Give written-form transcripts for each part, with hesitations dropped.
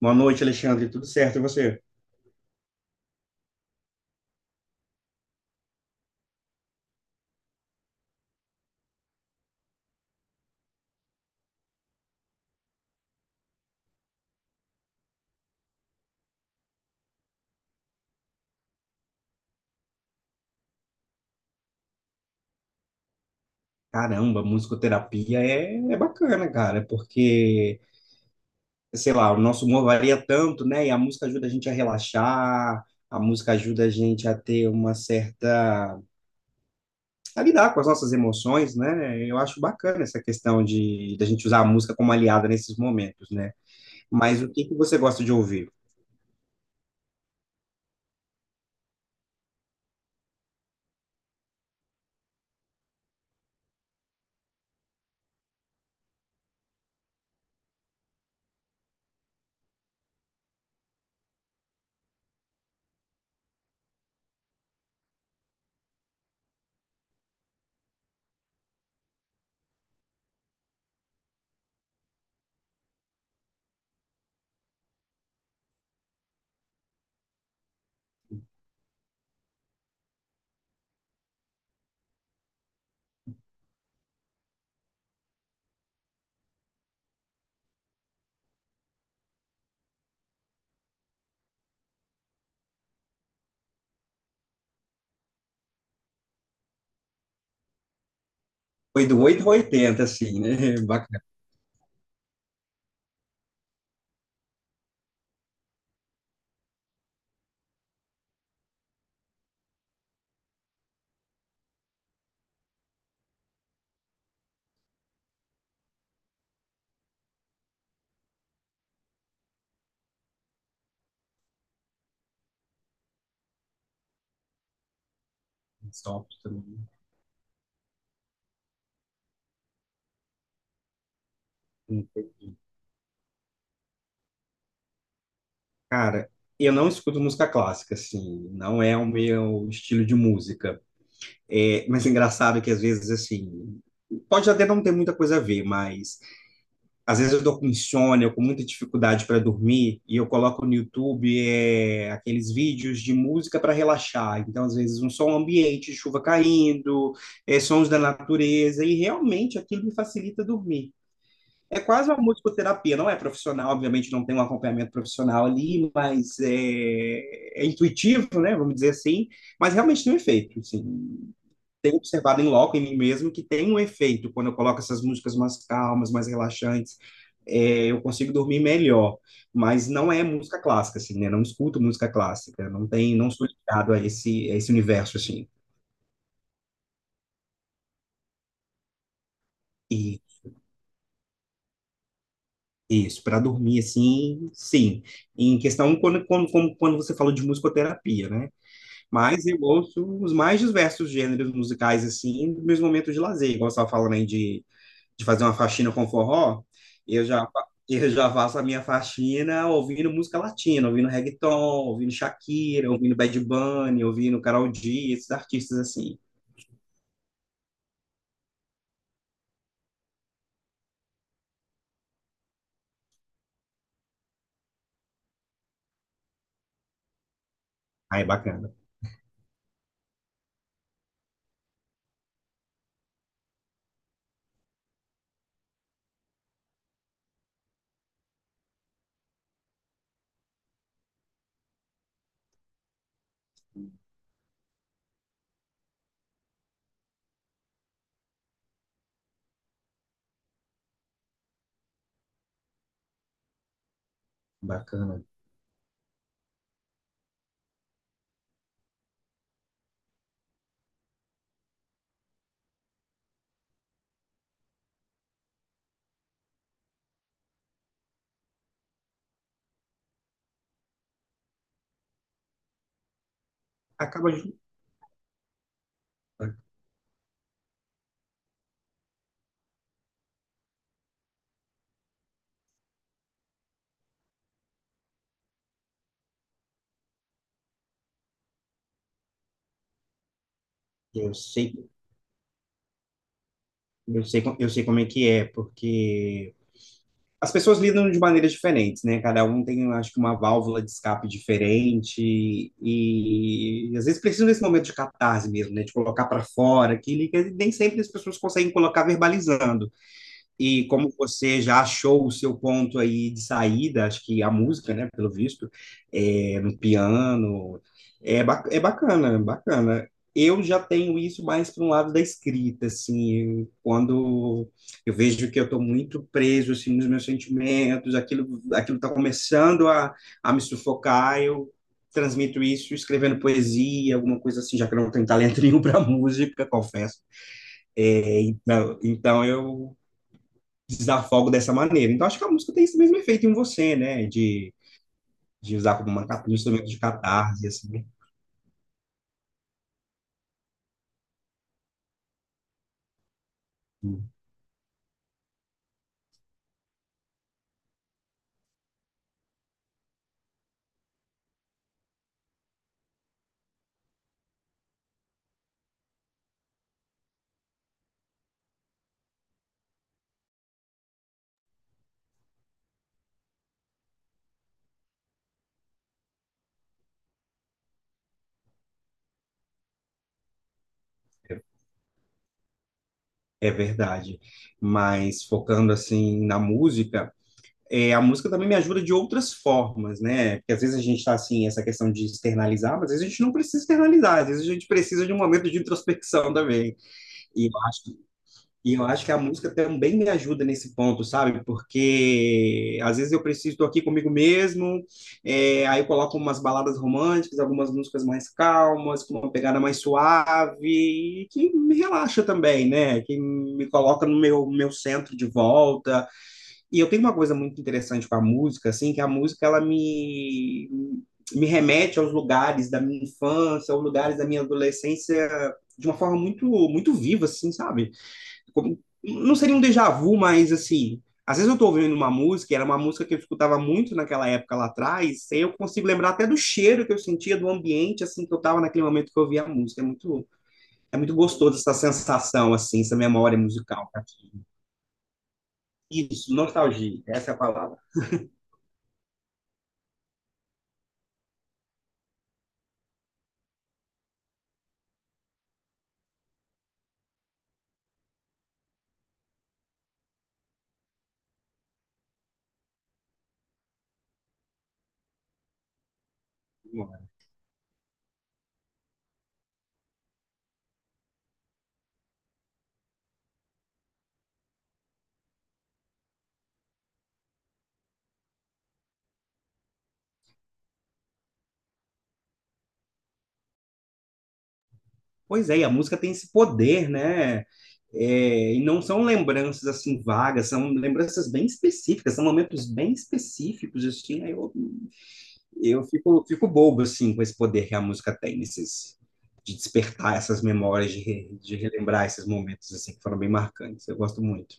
Boa noite, Alexandre. Tudo certo? E você? Caramba, musicoterapia é bacana, cara, porque, sei lá, o nosso humor varia tanto, né? E a música ajuda a gente a relaxar, a música ajuda a gente a ter uma certa. A lidar com as nossas emoções, né? Eu acho bacana essa questão de da gente usar a música como aliada nesses momentos, né? Mas o que que você gosta de ouvir? Foi do 8 ao 80, assim, né? Bacana, só também. Cara, eu não escuto música clássica, assim, não é o meu estilo de música. É, mas é engraçado que às vezes, assim, pode até não ter muita coisa a ver, mas às vezes eu tô com insônia, eu com muita dificuldade para dormir, e eu coloco no YouTube aqueles vídeos de música para relaxar. Então, às vezes, um som ambiente, chuva caindo, sons da natureza, e realmente aquilo me facilita dormir. É quase uma musicoterapia, não é profissional, obviamente não tem um acompanhamento profissional ali, mas é intuitivo, né? Vamos dizer assim, mas realmente tem um efeito, assim. Tenho observado em loco, em mim mesmo, que tem um efeito quando eu coloco essas músicas mais calmas, mais relaxantes, eu consigo dormir melhor, mas não é música clássica, assim, né? Não escuto música clássica, não tem, não sou ligado a a esse universo, assim. E isso, para dormir, assim, sim. Em questão, quando você falou de musicoterapia, né? Mas eu ouço os mais diversos gêneros musicais, assim, nos meus momentos de lazer. Igual você estava falando aí de fazer uma faxina com forró, eu já faço a minha faxina ouvindo música latina, ouvindo reggaeton, ouvindo Shakira, ouvindo Bad Bunny, ouvindo Karol G, esses artistas assim. Aí, bacana, bacana. Acaba... ju- Eu sei, eu sei como é que é, porque... as pessoas lidam de maneiras diferentes, né? Cada um tem, eu acho que, uma válvula de escape diferente e, às vezes precisa desse momento de catarse mesmo, né? De colocar para fora aquilo que nem sempre as pessoas conseguem colocar verbalizando. E como você já achou o seu ponto aí de saída, acho que a música, né, pelo visto, é, no piano, é bacana, bacana. Eu já tenho isso mais para um lado da escrita, assim, quando eu vejo que eu estou muito preso, assim, nos meus sentimentos, aquilo está começando a me sufocar, eu transmito isso escrevendo poesia, alguma coisa assim, já que eu não tenho talento nenhum para música, confesso. É, então eu desafogo dessa maneira. Então, acho que a música tem esse mesmo efeito em você, né? De usar como uma, um instrumento de catarse, assim. É, é verdade. Mas focando, assim, na música, é, a música também me ajuda de outras formas, né? Porque às vezes a gente está assim, essa questão de externalizar, mas às vezes a gente não precisa externalizar, às vezes a gente precisa de um momento de introspecção também. E eu acho, E eu acho que a música também me ajuda nesse ponto, sabe? Porque às vezes eu preciso, estou aqui comigo mesmo, é, aí eu coloco umas baladas românticas, algumas músicas mais calmas, com uma pegada mais suave, e que me relaxa também, né? Que me coloca no meu centro de volta. E eu tenho uma coisa muito interessante com a música, assim, que a música, ela me... Me remete aos lugares da minha infância, aos lugares da minha adolescência de uma forma muito viva, assim, sabe? Como- não seria um déjà vu, mas assim, às vezes eu tô ouvindo uma música, e era uma música que eu escutava muito naquela época lá atrás, e aí eu consigo lembrar até do cheiro que eu sentia, do ambiente, assim, que eu tava naquele momento que eu ouvia a música. É muito gostoso essa sensação, assim, essa memória musical. Tá aqui. Isso, nostalgia, essa é a palavra. Pois é, e a música tem esse poder, né? É, e não são lembranças assim vagas, são lembranças bem específicas, são momentos bem específicos, assim, aí eu fico bobo, assim, com esse poder que a música tem, nesses, de despertar essas memórias, de relembrar esses momentos, assim, que foram bem marcantes. Eu gosto muito.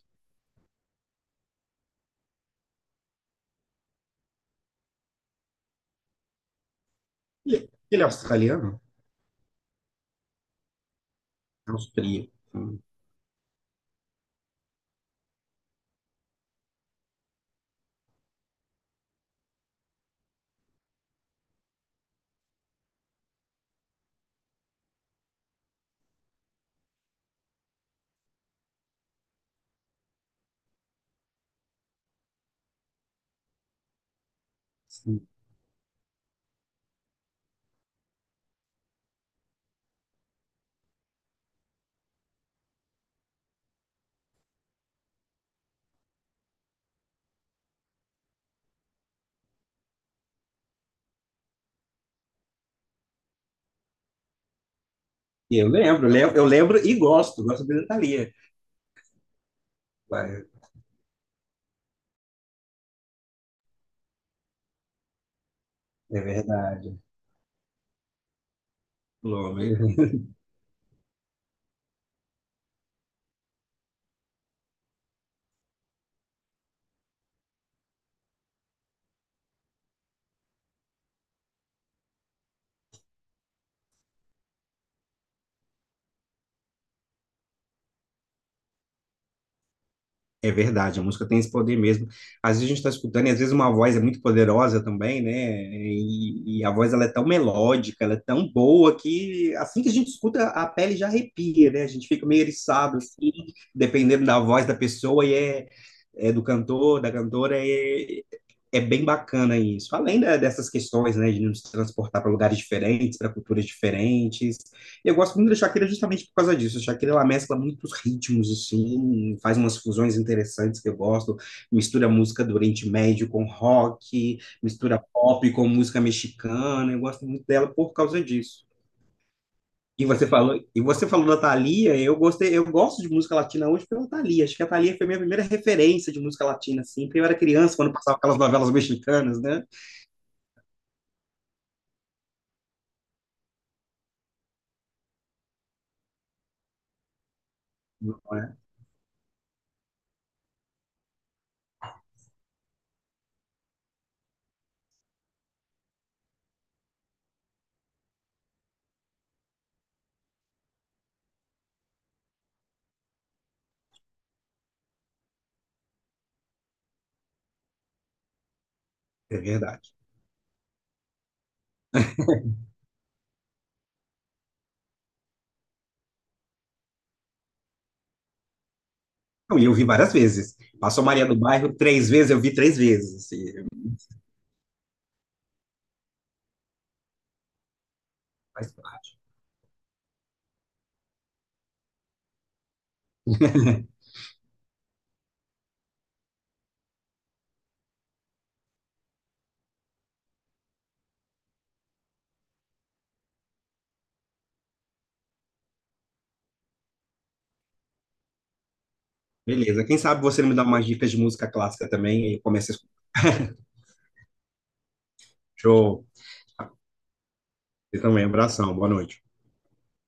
E ele é australiano? Austríaco. Sim. E eu lembro e gosto dele da Thalia. Vai, é verdade. É verdade, a música tem esse poder mesmo. Às vezes a gente está escutando, e às vezes uma voz é muito poderosa também, né? E a voz ela é tão melódica, ela é tão boa que assim que a gente escuta, a pele já arrepia, né? A gente fica meio eriçado, assim, dependendo da voz da pessoa e é do cantor, da cantora, é bem bacana isso. Além dessas questões, né, de nos transportar para lugares diferentes, para culturas diferentes, eu gosto muito da Shakira justamente por causa disso. A Shakira ela mescla muitos ritmos, assim, faz umas fusões interessantes que eu gosto. Mistura música do Oriente Médio com rock, mistura pop com música mexicana. Eu gosto muito dela por causa disso. E você falou da Thalia, eu gostei, eu gosto de música latina hoje pela Thalia. Acho que a Thalia foi minha primeira referência de música latina, assim, porque eu era criança quando passava aquelas novelas mexicanas, né? Não é? É verdade. Não, e eu vi várias vezes. Passou Maria do Bairro três vezes, eu vi três vezes. Assim. Faz parte. Beleza. Quem sabe você não me dá umas dicas de música clássica também e começa a escutar. Show. Você também. Abração. Boa noite.